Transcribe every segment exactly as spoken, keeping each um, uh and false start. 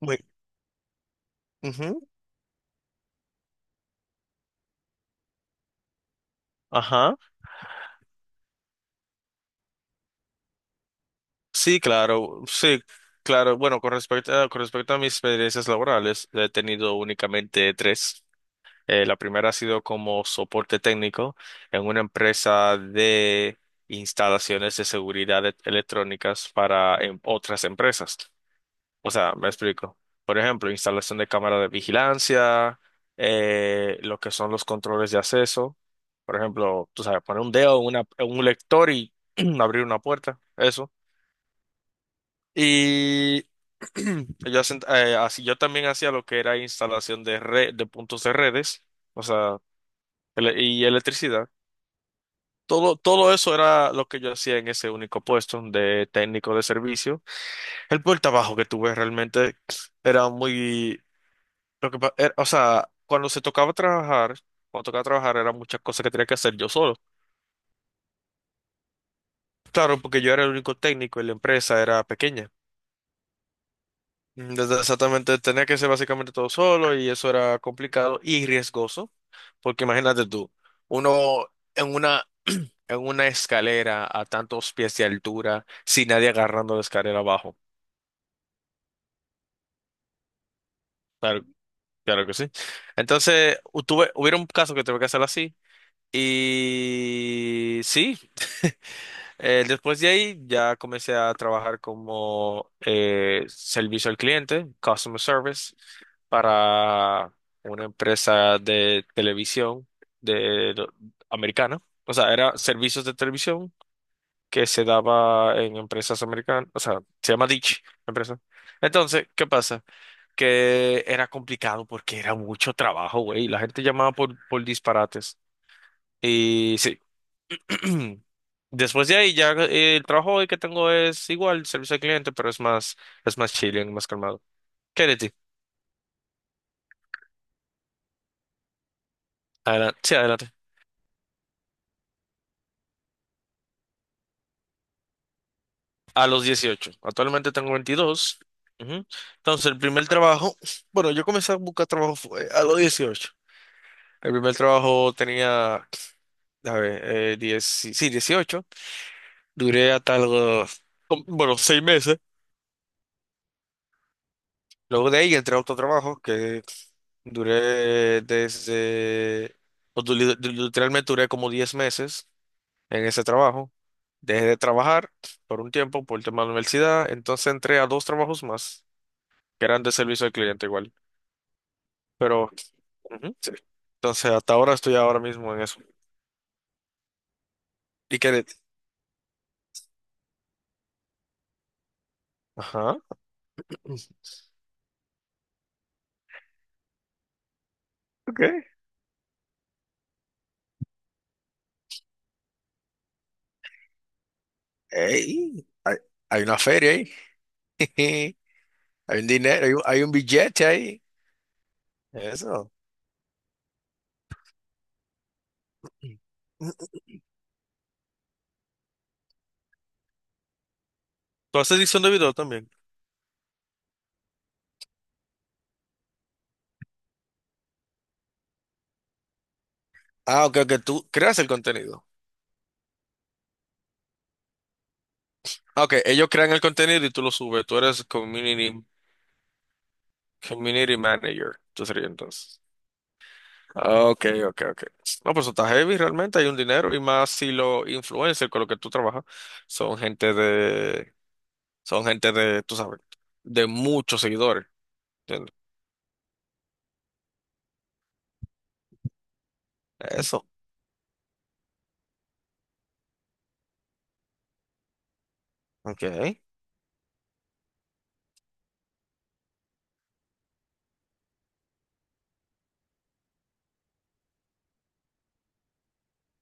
Muy- ujú. Ajá. Sí, claro. Sí, claro. Bueno, con respecto a, con respecto a mis experiencias laborales, he tenido únicamente tres. Eh, la primera ha sido como soporte técnico en una empresa de instalaciones de seguridad e- electrónicas para em, otras empresas. O sea, me explico. Por ejemplo, instalación de cámaras de vigilancia, eh, lo que son los controles de acceso. Por ejemplo, tú sabes, poner un dedo en, una- en un lector y abrir una puerta, eso. Y yo, hacen- eh, así, yo también hacía lo que era instalación de red, de puntos de redes, o sea, ele- y electricidad. Todo, todo eso era lo que yo hacía en ese único puesto de técnico de servicio. El puerta abajo que tuve realmente era muy. Lo que, pa- era- O sea, cuando se tocaba trabajar, cuando tocaba trabajar eran muchas cosas que tenía que hacer yo solo. Claro, porque yo era el único técnico y la empresa era pequeña. Entonces, exactamente, tenía que hacer básicamente todo solo y eso era complicado y riesgoso, porque imagínate tú, uno en una, en una escalera a tantos pies de altura, sin nadie agarrando la escalera abajo. Claro, claro que sí. Entonces, u- tuve, hubiera un caso que tuve que hacer así y sí. Eh, después de ahí ya comencé a trabajar como eh, servicio al cliente, customer service, para una empresa de televisión de, lo- americana. O sea, era servicios de televisión que se daba en empresas americanas. O sea, se llama Dish, la empresa. Entonces, ¿qué pasa? Que era complicado porque era mucho trabajo, güey. La gente llamaba por, por disparates. Y sí. Después de ahí ya eh, el trabajo hoy que tengo es igual, servicio al cliente, pero es más, es más chilling, más calmado. ¿Qué de ti? Adelante. Sí, adelante. A los dieciocho. Actualmente tengo veintidós. Ujú. Entonces, el primer trabajo, bueno, yo comencé a buscar trabajo fue a los dieciocho. El primer trabajo tenía, a ver, eh, diez, sí, dieciocho. Duré hasta los, bueno, seis meses. Luego de ahí entré a otro trabajo que duré desde, o du- li- li- literalmente duré como diez meses en ese trabajo. Dejé de trabajar por un tiempo por el tema de la universidad, entonces entré a dos trabajos más que eran de servicio al cliente igual. Pero, ujú, sí. Entonces hasta ahora estoy ahora mismo en eso. ¿Y qué? de- Ajá. Ok. Ey, hay, hay una feria ahí. Hay un dinero, hay un, hay un billete ahí. Eso. ¿Tú haces edición de video también? Ah, ok, que tú creas el contenido. Ah, ok, ellos crean el contenido y tú lo subes. Tú eres community, community manager. Tú serías entonces. Ah, ok, ok, ok. No, pues eso está heavy realmente, hay un dinero y más si los influencers con los que tú trabajas son gente de, son gente de, tú sabes, de muchos seguidores. ¿Entiendes? Eso. Ok,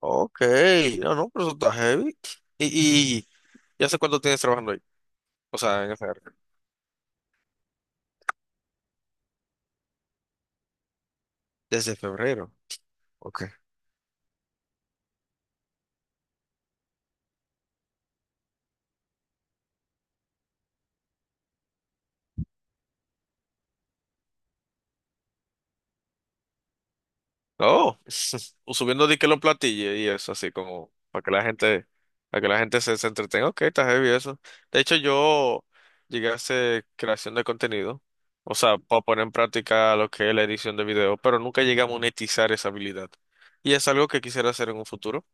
ok. No, no, pero eso está heavy. ¿Y, y, y hace cuánto tienes trabajando ahí? O sea, en esa área. Desde febrero. Ok. Oh, o subiendo de que los platillos y eso, así como para que la gente, para que la gente se, se entretenga. Ok, está heavy eso. De hecho, yo llegué a hacer creación de contenido, o sea, para poner en práctica lo que es la edición de video, pero nunca llegué a monetizar esa habilidad. Y es algo que quisiera hacer en un futuro,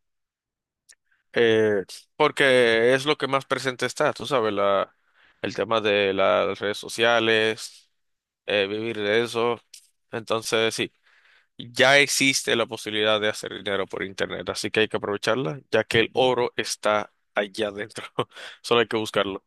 eh, porque es lo que más presente está, tú sabes, la, el tema de las redes sociales, eh, vivir de eso. Entonces, sí. Ya existe la posibilidad de hacer dinero por internet, así que hay que aprovecharla, ya que el oro está allá adentro. Solo hay que buscarlo.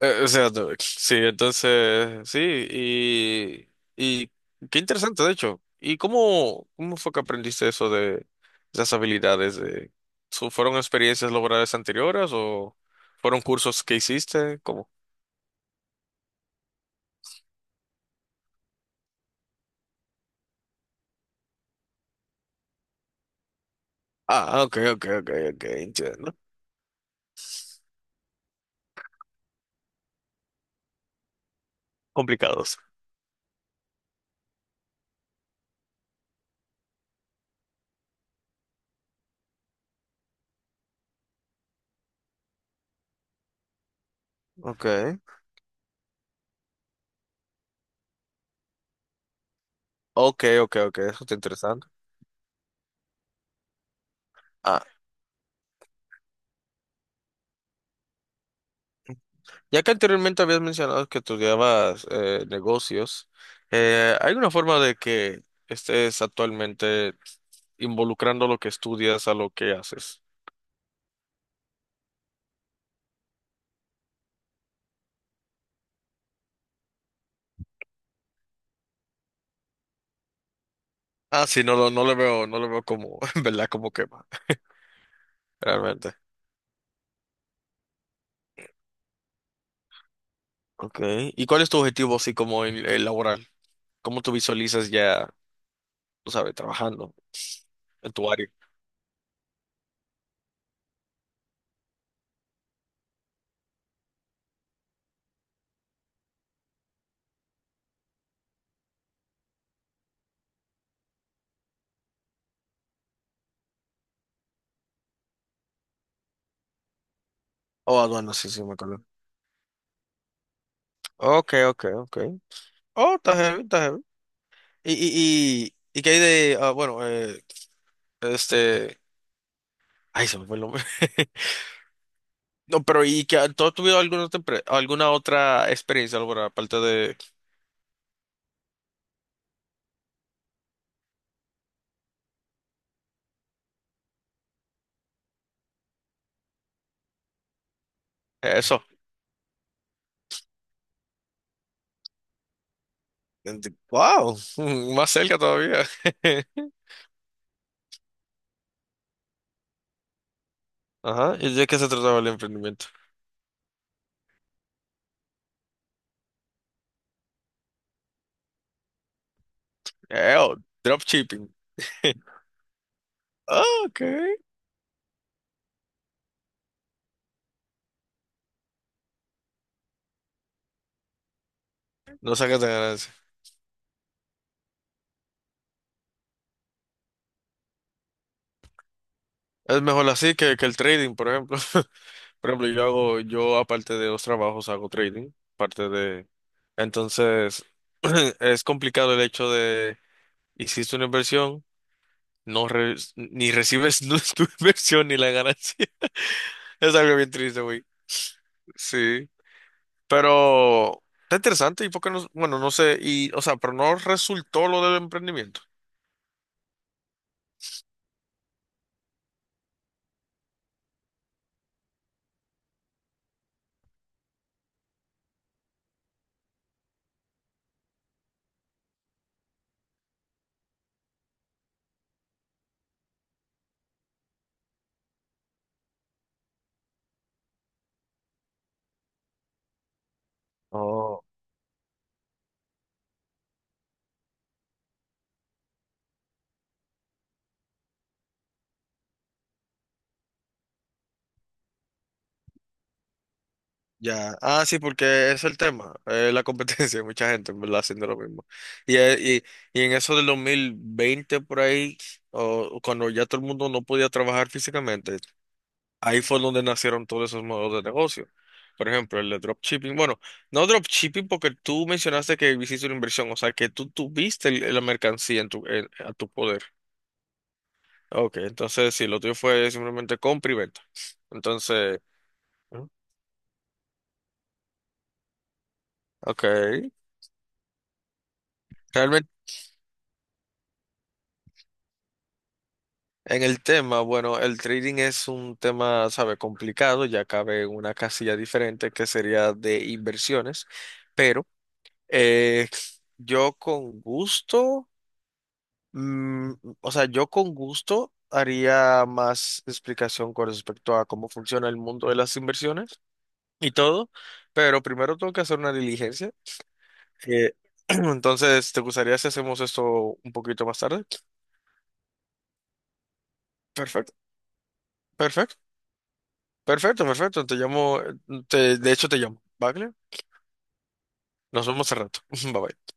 Eh, o sea, no, sí, entonces, sí, y, y qué interesante, de hecho. ¿Y cómo, cómo fue que aprendiste eso de esas habilidades? De, ¿Su- ¿Fueron experiencias laborales anteriores o fueron cursos que hiciste? ¿Cómo? Ah, ok, ok, ok, ok, entiendo. Complicados. Ok, ok, ok, ok, eso está interesante. Ya que anteriormente habías mencionado que estudiabas eh, negocios, eh, ¿hay una forma de que estés actualmente involucrando lo que estudias a lo que haces? Ah, sí, no, lo- no le veo, no le veo como, en verdad, como quema, realmente. Okay. ¿Y cuál es tu objetivo así como en, en laboral? ¿Cómo tú visualizas ya, tú sabes, trabajando en tu área? Oh, aduana, sí, sí, me acuerdo. Okay, okay, okay. Oh, está heavy, está heavy. ¿Y, y, y, y qué hay de, ah, bueno, eh, este... Ay, se me fue el nombre. No, pero ¿y que tú has tenido alguna, otra empre- alguna otra experiencia laboral aparte de eso? Wow, más cerca todavía. Ajá, ¿y de qué se trataba el emprendimiento? Eh, oh, dropshipping. Ah, ok. No sacas de ganancia. Es mejor así que, que el trading, por ejemplo. Por ejemplo, yo hago, yo aparte de los trabajos hago trading, parte de... Entonces, es complicado el hecho de, hiciste una inversión. no re- ni recibes tu inversión ni la ganancia. Es algo bien triste, güey. Sí, pero está interesante y por qué no, bueno, no sé, y, o sea, pero no resultó lo del emprendimiento. Oh, ya, ah, sí, porque es el tema, eh, la competencia, mucha gente, en ¿verdad? Haciendo lo mismo. Y, eh, y, y en eso del dos mil veinte por ahí, o cuando ya todo el mundo no podía trabajar físicamente. Ahí fue donde nacieron todos esos modelos de negocio. Por ejemplo, el de dropshipping. Bueno, no dropshipping porque tú mencionaste que hiciste una inversión, o sea, que tú tuviste el- la mercancía en tu, en- a tu poder. Ok, entonces sí, lo tuyo fue simplemente compra y venta. Entonces, ¿Mm? Ok. Realmente en el tema, bueno, el trading es un tema, sabe, complicado, ya cabe en una casilla diferente que sería de inversiones, pero eh, yo con gusto. Mm, o sea, yo con gusto haría más explicación con respecto a cómo funciona el mundo de las inversiones y todo, pero primero tengo que hacer una diligencia. eh, entonces, ¿te gustaría si hacemos esto un poquito más tarde? Perfecto, perfecto, perfecto, perfecto. Te llamo, eh, te- de hecho te llamo, ¿vale? Nos vemos al rato. Bye bye.